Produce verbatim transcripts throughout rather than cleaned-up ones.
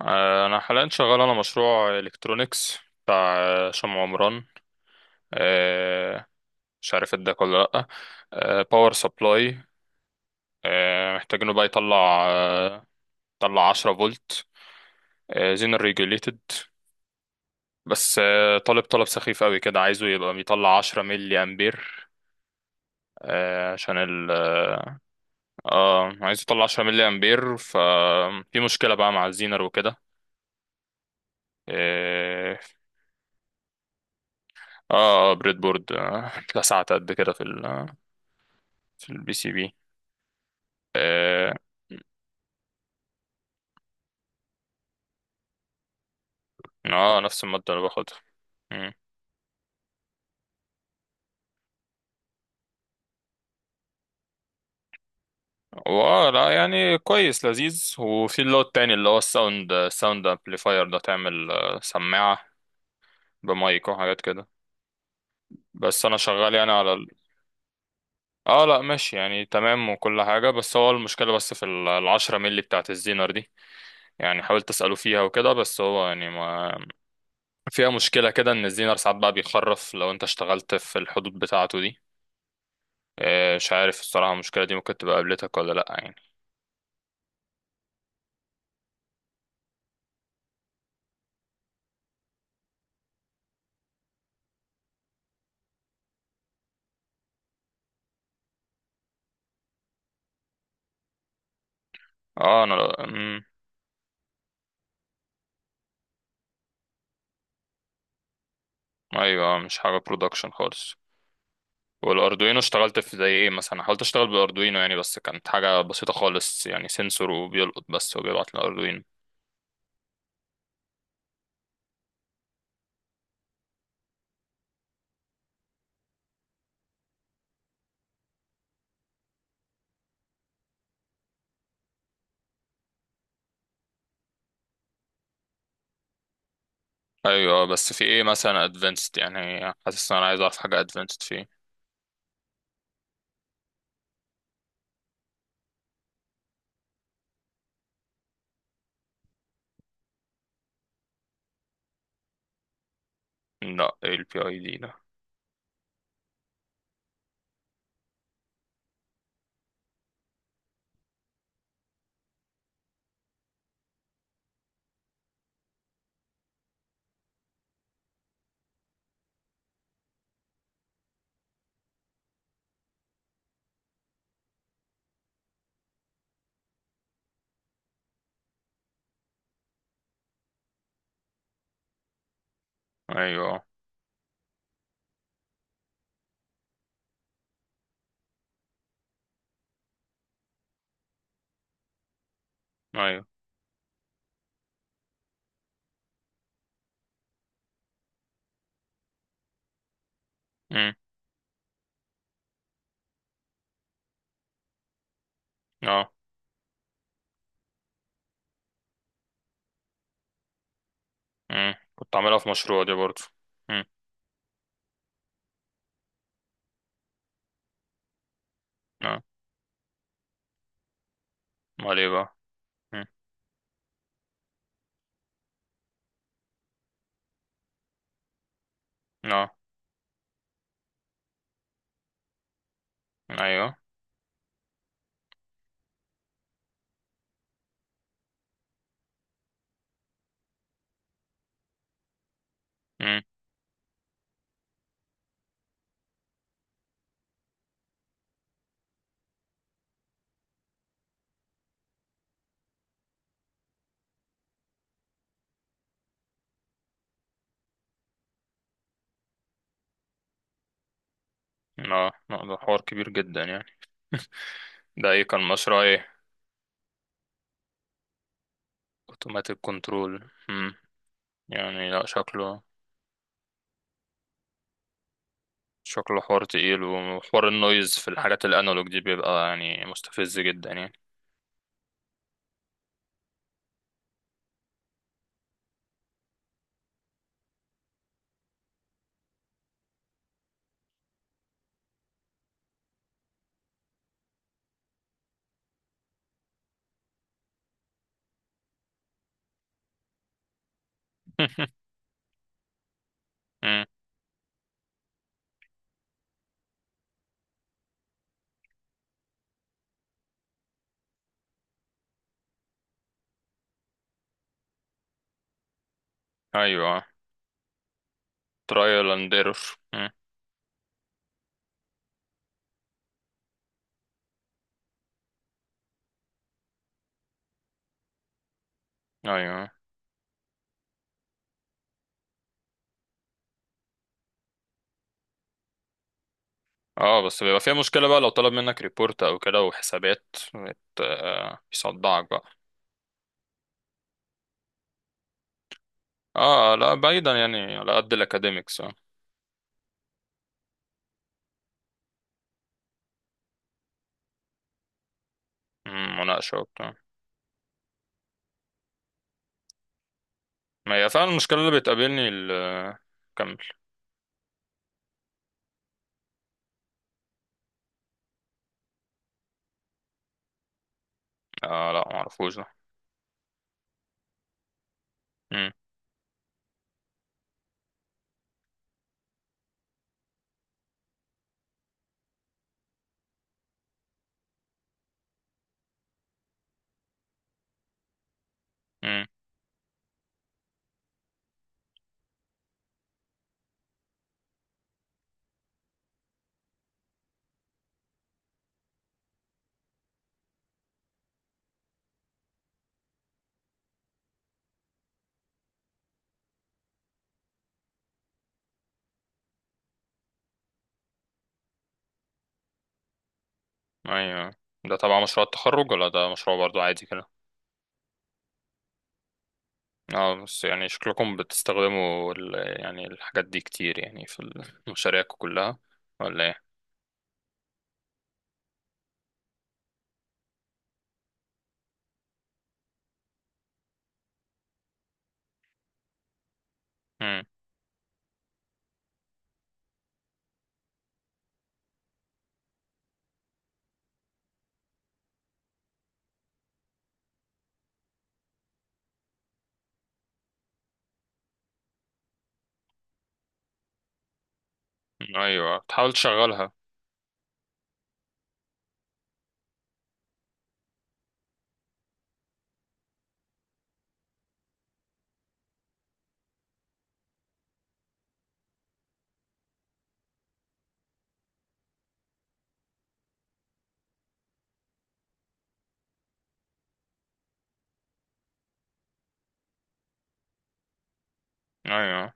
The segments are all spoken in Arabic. آه، انا حاليا شغال على مشروع الكترونيكس بتاع آه، شمع عمران. آه، مش عارف اداك ولا لا. باور سبلاي محتاجينه بقى يطلع آه، يطلع 10 فولت زينر ريجوليتد. بس آه، طالب طلب سخيف قوي كده، عايزه يبقى بيطلع عشرة ملي امبير ملي امبير، آه، عشان ال اه آه، عايز يطلع عشرة ملي امبير ملي امبير. ففي مشكلة بقى مع الزينر وكده. آه، اه اه بريد بورد، آه، اتلسعت قد كده في ال في البي سي بي. اه. آه، نفس المادة اللي باخدها. مم. واه، لا يعني كويس لذيذ. وفي اللي هو التاني اللي هو الساوند الساوند امبليفاير، ده تعمل آه، سماعة بمايك وحاجات كده. بس انا شغال يعني على ال... اه، لا ماشي يعني تمام وكل حاجة. بس هو المشكلة، بس في ال- العشرة ملي بتاعت الزينر دي. يعني حاولت اسأله فيها وكده، بس هو يعني ما فيها مشكلة كده، إن الزينر ساعات بقى بيخرف لو أنت اشتغلت في الحدود بتاعته دي. آه، مش عارف الصراحة، المشكلة دي ممكن تبقى قابلتك ولا لأ يعني؟ اه، أنا لأ. مم. أيوه، مش حاجة برودكشن خالص. والأردوينو اشتغلت في زي إيه مثلا، حاولت أشتغل بالأردوينو يعني، بس كانت حاجة بسيطة خالص يعني سنسور وبيلقط بس وبيبعت الأردوينو. أيوه، بس في إيه مثلا أدفانسد؟ يعني حاسس إن أنا عايز أعرف حاجة أدفانسد فيه. لأ، إيه ال P I D ده؟ أيوه، أيوه. مم. اه. مم. كنت عاملها في مشروع دي برضه. مم. آه. امال ايه بقى؟ مم. اه. ايوه. مم. اه لا، ده حوار كبير جدا يعني. ده ايه، كان مشروع ايه؟ اوتوماتيك كنترول. يعني لا، شكله شكله حوار تقيل، وحوار النويز في الحاجات الانالوج دي بيبقى يعني مستفز جدا يعني. مم. ايوه، ترايل اند ايرور. ايوه. اه، بس بيبقى فيها مشكلة بقى لو طلب منك ريبورت او كده وحسابات بت- آه، يصدعك بقى. اه لا، بعيدا يعني على قد الاكاديميكس. اه مم، مناقشة وبتاع. ما هي فعلا المشكلة اللي بتقابلني ال كمل. آه لا، معرفوش ده. مم. مم. أيوه، ده تبع مشروع التخرج ولا ده مشروع برضو عادي كده؟ اه، بس يعني شكلكم بتستخدموا ال... يعني الحاجات دي كتير يعني في ال- مشاريعكم كلها، ولا ايه؟ مم. أيوه، تحاول تشغلها. أيوه،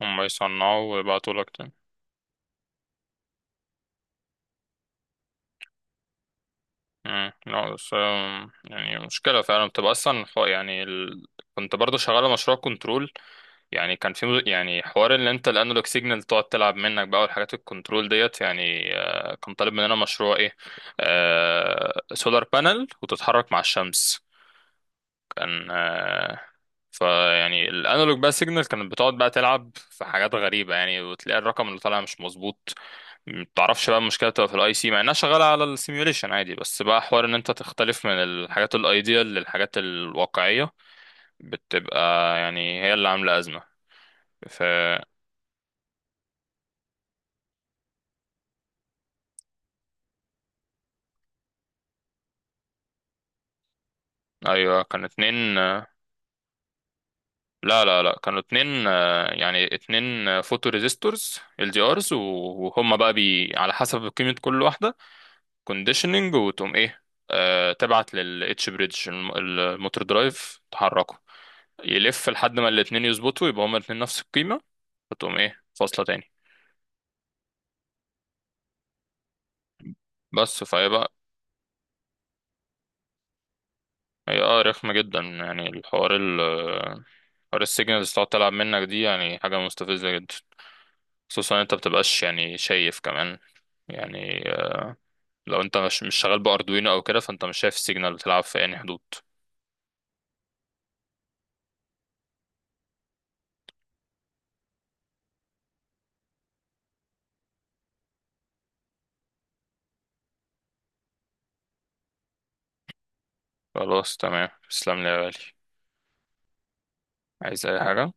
هم يصنعوا ويبعتوا لك تاني. مم. لا بس آم، يعني مشكلة فعلا بتبقى أصلا حق- يعني ال... كنت برضو شغال على مشروع كنترول. يعني كان في مز- يعني حوار، اللي انت الانالوج سيجنال تقعد تلعب منك بقى والحاجات الكنترول ديت يعني، آه، كان طالب مننا مشروع ايه، سولار بانل وتتحرك مع الشمس. كان آه، فيعني الانالوج بقى سيجنال كانت بتقعد بقى تلعب في حاجات غريبة يعني، وتلاقي الرقم اللي طالع مش مظبوط. متعرفش بقى، المشكلة بتبقى في الاي سي، مع انها شغالة على السيميوليشن عادي، بس بقى حوار ان انت تختلف من الحاجات الايديال للحاجات الواقعية. بتبقى يعني هي اللي عاملة أزمة. ف. ايوه، كان اتنين. لا لا لا، كانوا اتنين. آه، يعني اتنين فوتو ريزيستورز ال دي ارز، وهم بقى بي على حسب قيمة كل واحدة، كونديشننج، وتقوم ايه، آه، تبعت لل اتش بريدج الموتور درايف تحركه. يلف لحد ما الاتنين يظبطوا، يبقى هما الاتنين نفس القيمة. فتقوم ايه، فاصلة تاني. بس فهي بقى. هي اه رخمة جدا يعني. الحوار ال حوار السيجنالز تقعد تلعب منك دي يعني حاجة مستفزة جدا، خصوصا انت بتبقاش يعني شايف كمان يعني. لو انت مش مش شغال باردوينو او كده، فانت مش شايف السيجنال بتلعب في انهي حدود. خلاص، تمام، تسلم لي يا غالي. عايز اي حاجة؟